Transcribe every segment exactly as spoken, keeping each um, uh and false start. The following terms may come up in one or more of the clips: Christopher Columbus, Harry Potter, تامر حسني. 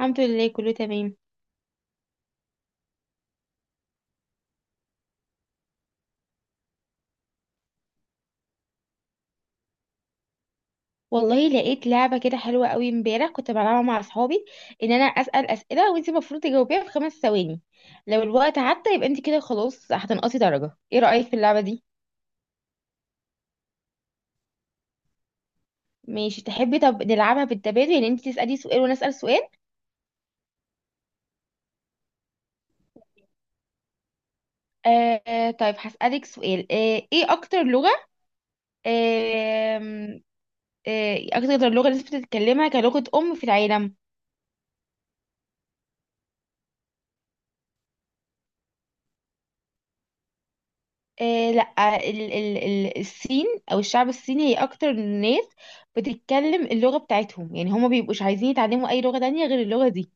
الحمد لله كله تمام. والله لقيت لعبة كده حلوة قوي، امبارح كنت بلعبها مع اصحابي. ان انا اسأل اسئلة وانت المفروض تجاوبيها في خمس ثواني، لو الوقت عدى يبقى انت كده خلاص هتنقصي درجة. ايه رأيك في اللعبة دي؟ ماشي، تحبي طب نلعبها بالتبادل يعني انت تسألي سؤال وانا اسأل سؤال. آه آه، طيب هسألك سؤال. آه ايه اكتر لغة آه آه اكتر لغة الناس بتتكلمها كلغة ام في العالم؟ آه لا، ال ال ال الصين او الشعب الصيني هي اكتر ناس بتتكلم اللغه بتاعتهم، يعني هما بيبقوش عايزين يتعلموا اي لغه تانية غير اللغه دي.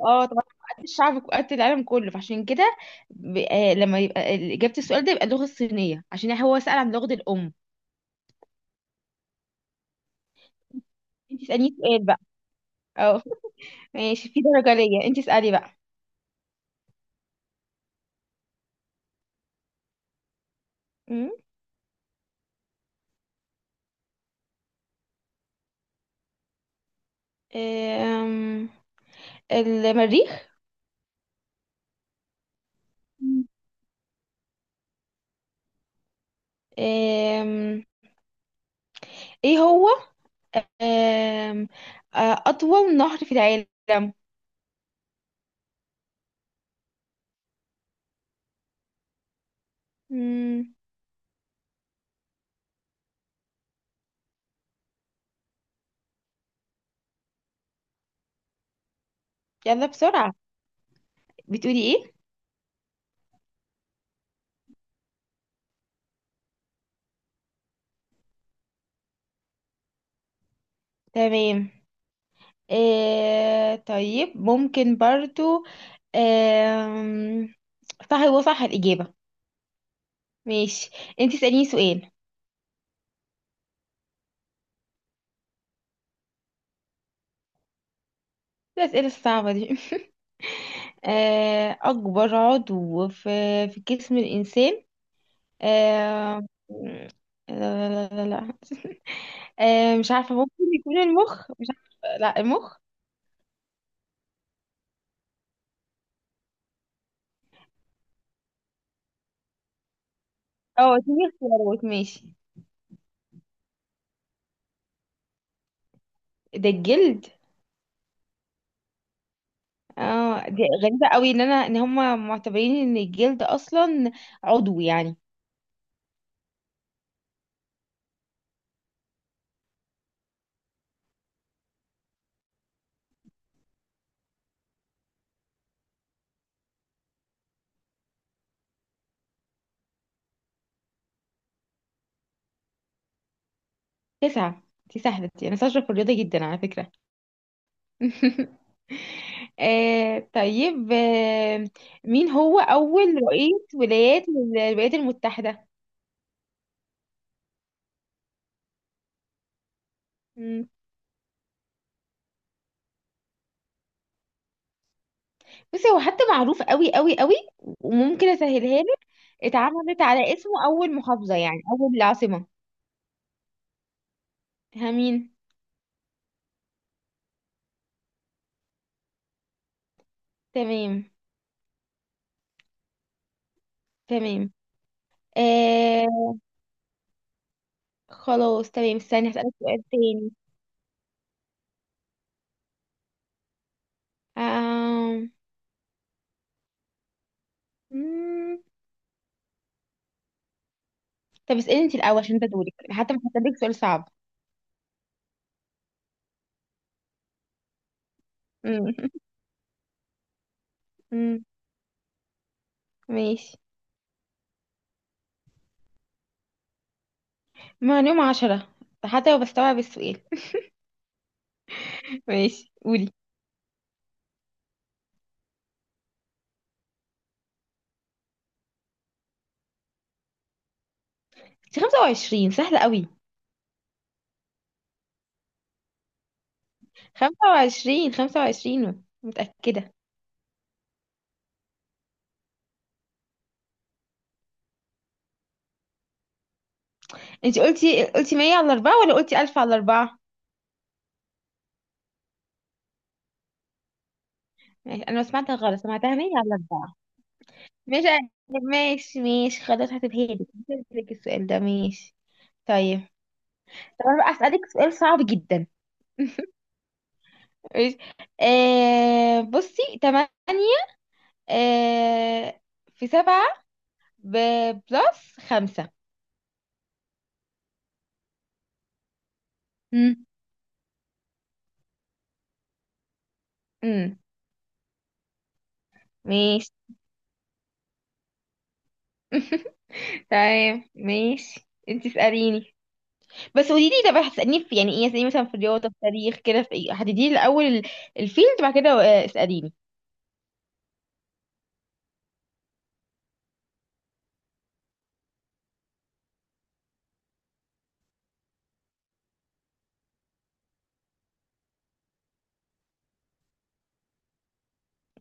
اه طبعا. قد الشعب قد العالم كله، فعشان كده ب- آه لما يبقى ال- اجابه السؤال ده يبقى اللغه الصينيه، عشان هو سأل عن لغه الام. انت اسالني سؤال بقى. اه. ماشي، في درجه ليا، انت اسالي بقى. أمم، آم، المريخ. مم. آم، ايه هو آم، آه، أطول نهر في العالم؟ مم، يلا بسرعة. بتقولي إيه؟ تمام. آه، طيب ممكن برضو. آم، صح، هو صح الإجابة. ماشي، انتي اسأليني سؤال. الأسئلة الصعبة دي آه، أكبر عضو في في جسم الإنسان. آه، لا، لا، لا، لا، لا. آه، مش عارفة ممكن يكون المخ، مش عارفة، لا المخ. اه، اديني اختيارات، ماشي. ده الجلد. اه، دي غريبة قوي ان انا ان هم معتبرين ان الجلد اصلا عضو يعني. تسعة. دي سهلة دي، انا شاطرة في الرياضة جدا على فكرة. آه طيب. آه مين هو اول رئيس ولايات الولايات المتحدة؟ مم. بصي، هو حتى معروف قوي قوي قوي، وممكن اسهلها لك. اتعملت على اسمه اول محافظة، يعني اول عاصمة. ها، مين؟ تمام. تمام. آه، خلاص تمام، استني هسألك سؤال تاني. آم... مم. طب اسألي انت الأول، عشان ده دورك، حتى مش هسألك سؤال صعب. مم. مم. ماشي، معلومة عشرة، حتى لو بستوعب السؤال. ماشي قولي. انت خمسة وعشرين سهلة قوي. خمسة وعشرين، خمسة وعشرين متأكدة. انت قلتي قلتي مية على أربعة ولا قلتي ألف على أربعة؟ ماشي، انا ما سمعتها غلط، سمعتها مئة على أربعة. ماشي، ماشي، ماشي، خلاص، هسيبها لك، هسيبها لك السؤال ده. ماشي. طيب. طب أنا بقى أسألك سؤال صعب جدا. ماشي. آه بصي، تمانية آه في سبعة بلس خمسة. مم. امم ماشي. تمام، ماشي، انت اسأليني. بس قولي لي، طب هتسأليني في يعني ايه، اسأليني مثلا في الرياضة في التاريخ كده، في ايه هتديني الأول ال- الفيلد بعد كده، آه، اسأليني.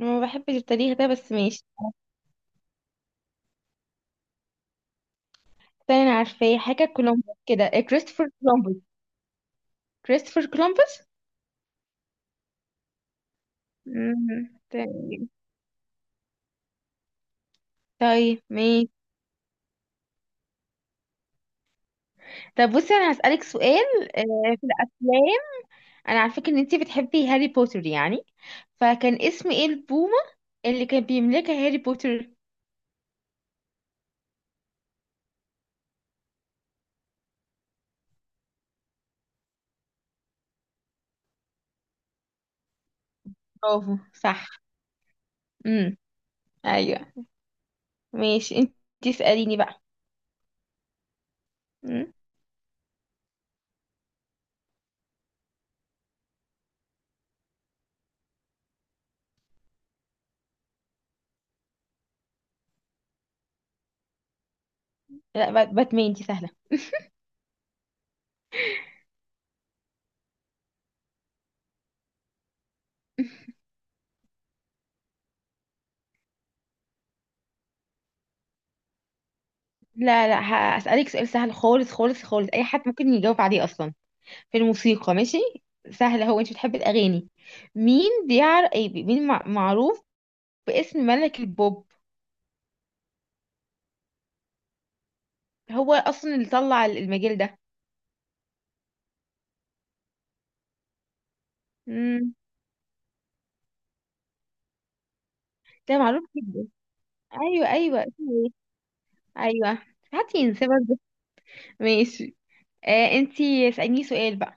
أنا ما بحبش التاريخ ده بس ماشي. استني انا عارفاه، حاجة كولومبوس كده، آه، كريستوفر كولومبوس. كريستوفر كولومبوس. مم، تمام. طيب ماشي. طب بصي، انا هسألك سؤال، آه، في الافلام. انا عارفه ان انتي بتحبي هاري بوتر يعني. فكان اسم ايه البومه اللي كان بيملكها هاري بوتر؟ برافو، صح. امم ايوه. ماشي، انتي اسأليني بقى. امم لا، بات- باتمان دي سهله. لا، لا، هسألك سؤال سهل خالص خالص خالص، اي حد ممكن يجاوب عليه اصلا. في الموسيقى، ماشي، سهله. هو انت بتحبي الاغاني. مين بيعرف ايه مين مع- معروف باسم ملك البوب؟ هو اصلا اللي طلع المجال ده. ده معروف جدا. ايوه، ايوه، اسمه ايه. ايوه. حد ينسى برضه. ماشي. آه انتي اسأليني سؤال بقى.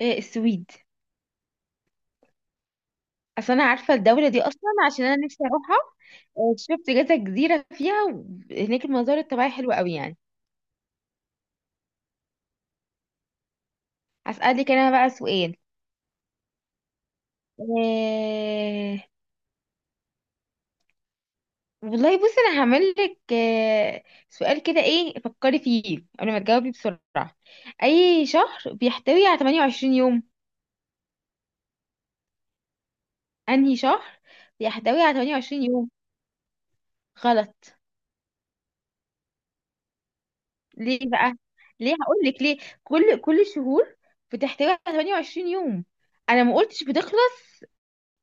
آه السويد. اصل انا عارفه الدوله دي اصلا، عشان انا نفسي اروحها. آه شفت كذا جزيره فيها، و- هناك المناظر الطبيعيه حلوه قوي يعني. هسألك انا بقى سؤال. آه والله بصي، انا هعمل لك آه سؤال كده، ايه فكري فيه قبل ما تجاوبي بسرعه. اي شهر بيحتوي على تمانية وعشرين يوم؟ انهي شهر بيحتوي على تمانية وعشرين يوم؟ غلط. ليه بقى؟ ليه، هقول لك ليه. كل كل الشهور بتحتوي على تمانية وعشرين يوم. انا ما قلتش بتخلص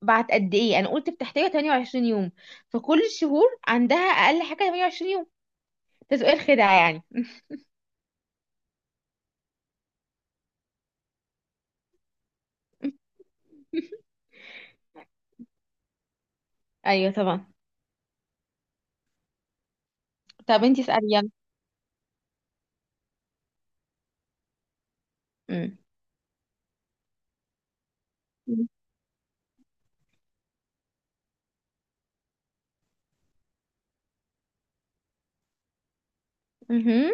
بعد قد ايه. انا قلت بتحتوي على تمانية وعشرين يوم. فكل الشهور عندها اقل حاجه ثمانية وعشرين يوم. ده سؤال خدعه يعني. ايوه طبعا. طب انتي اسالي يلا. امم امم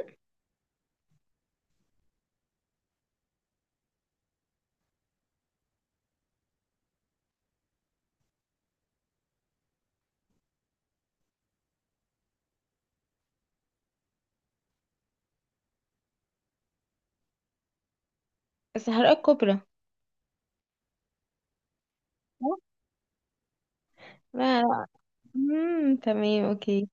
الصحراء الكبرى. لا، لا. امم تمام، اوكي.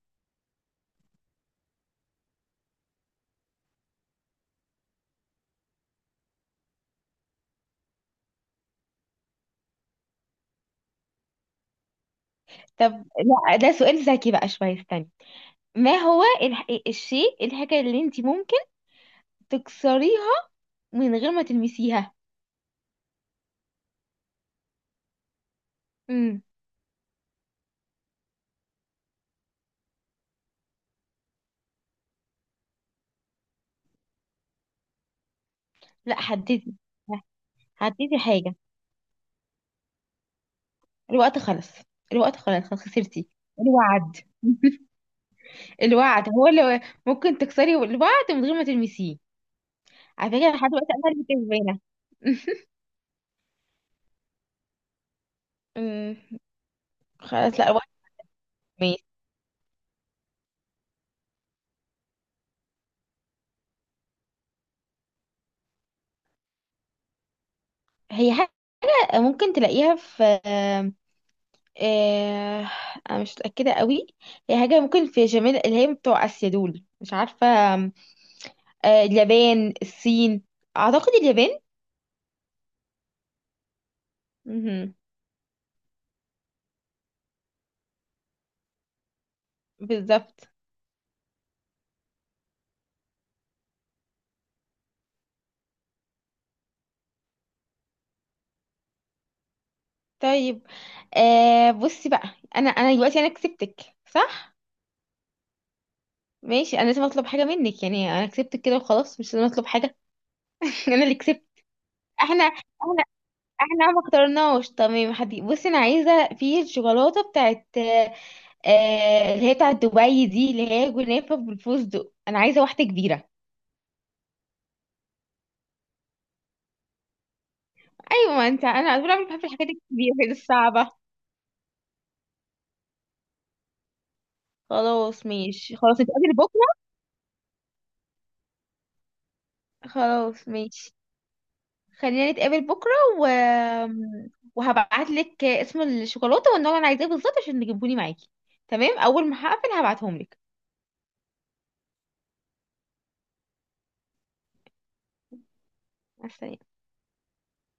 طب لا، ده سؤال ذكي بقى شويه، استني. ما هو الح... الشيء، الحاجه اللي انتي ممكن تكسريها من غير ما تلمسيها؟ امم لا، حددي. حددي حاجة. الوقت خلص. الوقت خلاص، خلاص خسرتي. الوعد. الوعد هو اللي ممكن تكسري الوعد من غير ما تلمسيه. على فكرة، لحد دلوقتي انا اللي كسبانة. أمم، خلاص، لا، الوعد. ماشي. هي حاجة ممكن تلاقيها في، آه، انا مش متأكدة قوي. هي حاجة ممكن في جميل اللي هي بتوع اسيا دول، مش عارفة. آم، آه، اليابان، الصين. اعتقد اليابان. مهم. بالظبط. طيب. آه بصي بقى. انا انا دلوقتي انا كسبتك، صح؟ ماشي، انا لازم اطلب حاجه منك يعني. انا كسبتك كده وخلاص، مش لازم اطلب حاجه. انا اللي كسبت. احنا احنا احنا ما اخترناش تمام حدي. بصي، انا عايزه في الشوكولاته بتاعت آه آه، اللي هي بتاعت دبي دي، اللي هي جنافه بالفستق، انا عايزه واحده كبيره. ايوه، ما انت انا على طول عمري بحب الحاجات الكبيره الصعبه. خلاص ماشي، خلاص نتقابل بكره. خلاص ماشي. خلينا نتقابل بكرة و... وهبعت لك اسم الشوكولاتة والنوع اللي انا عايزاه بالظبط عشان تجيبهوني معاكي. تمام، اول ما هقفل هبعتهم لك. مع السلامة.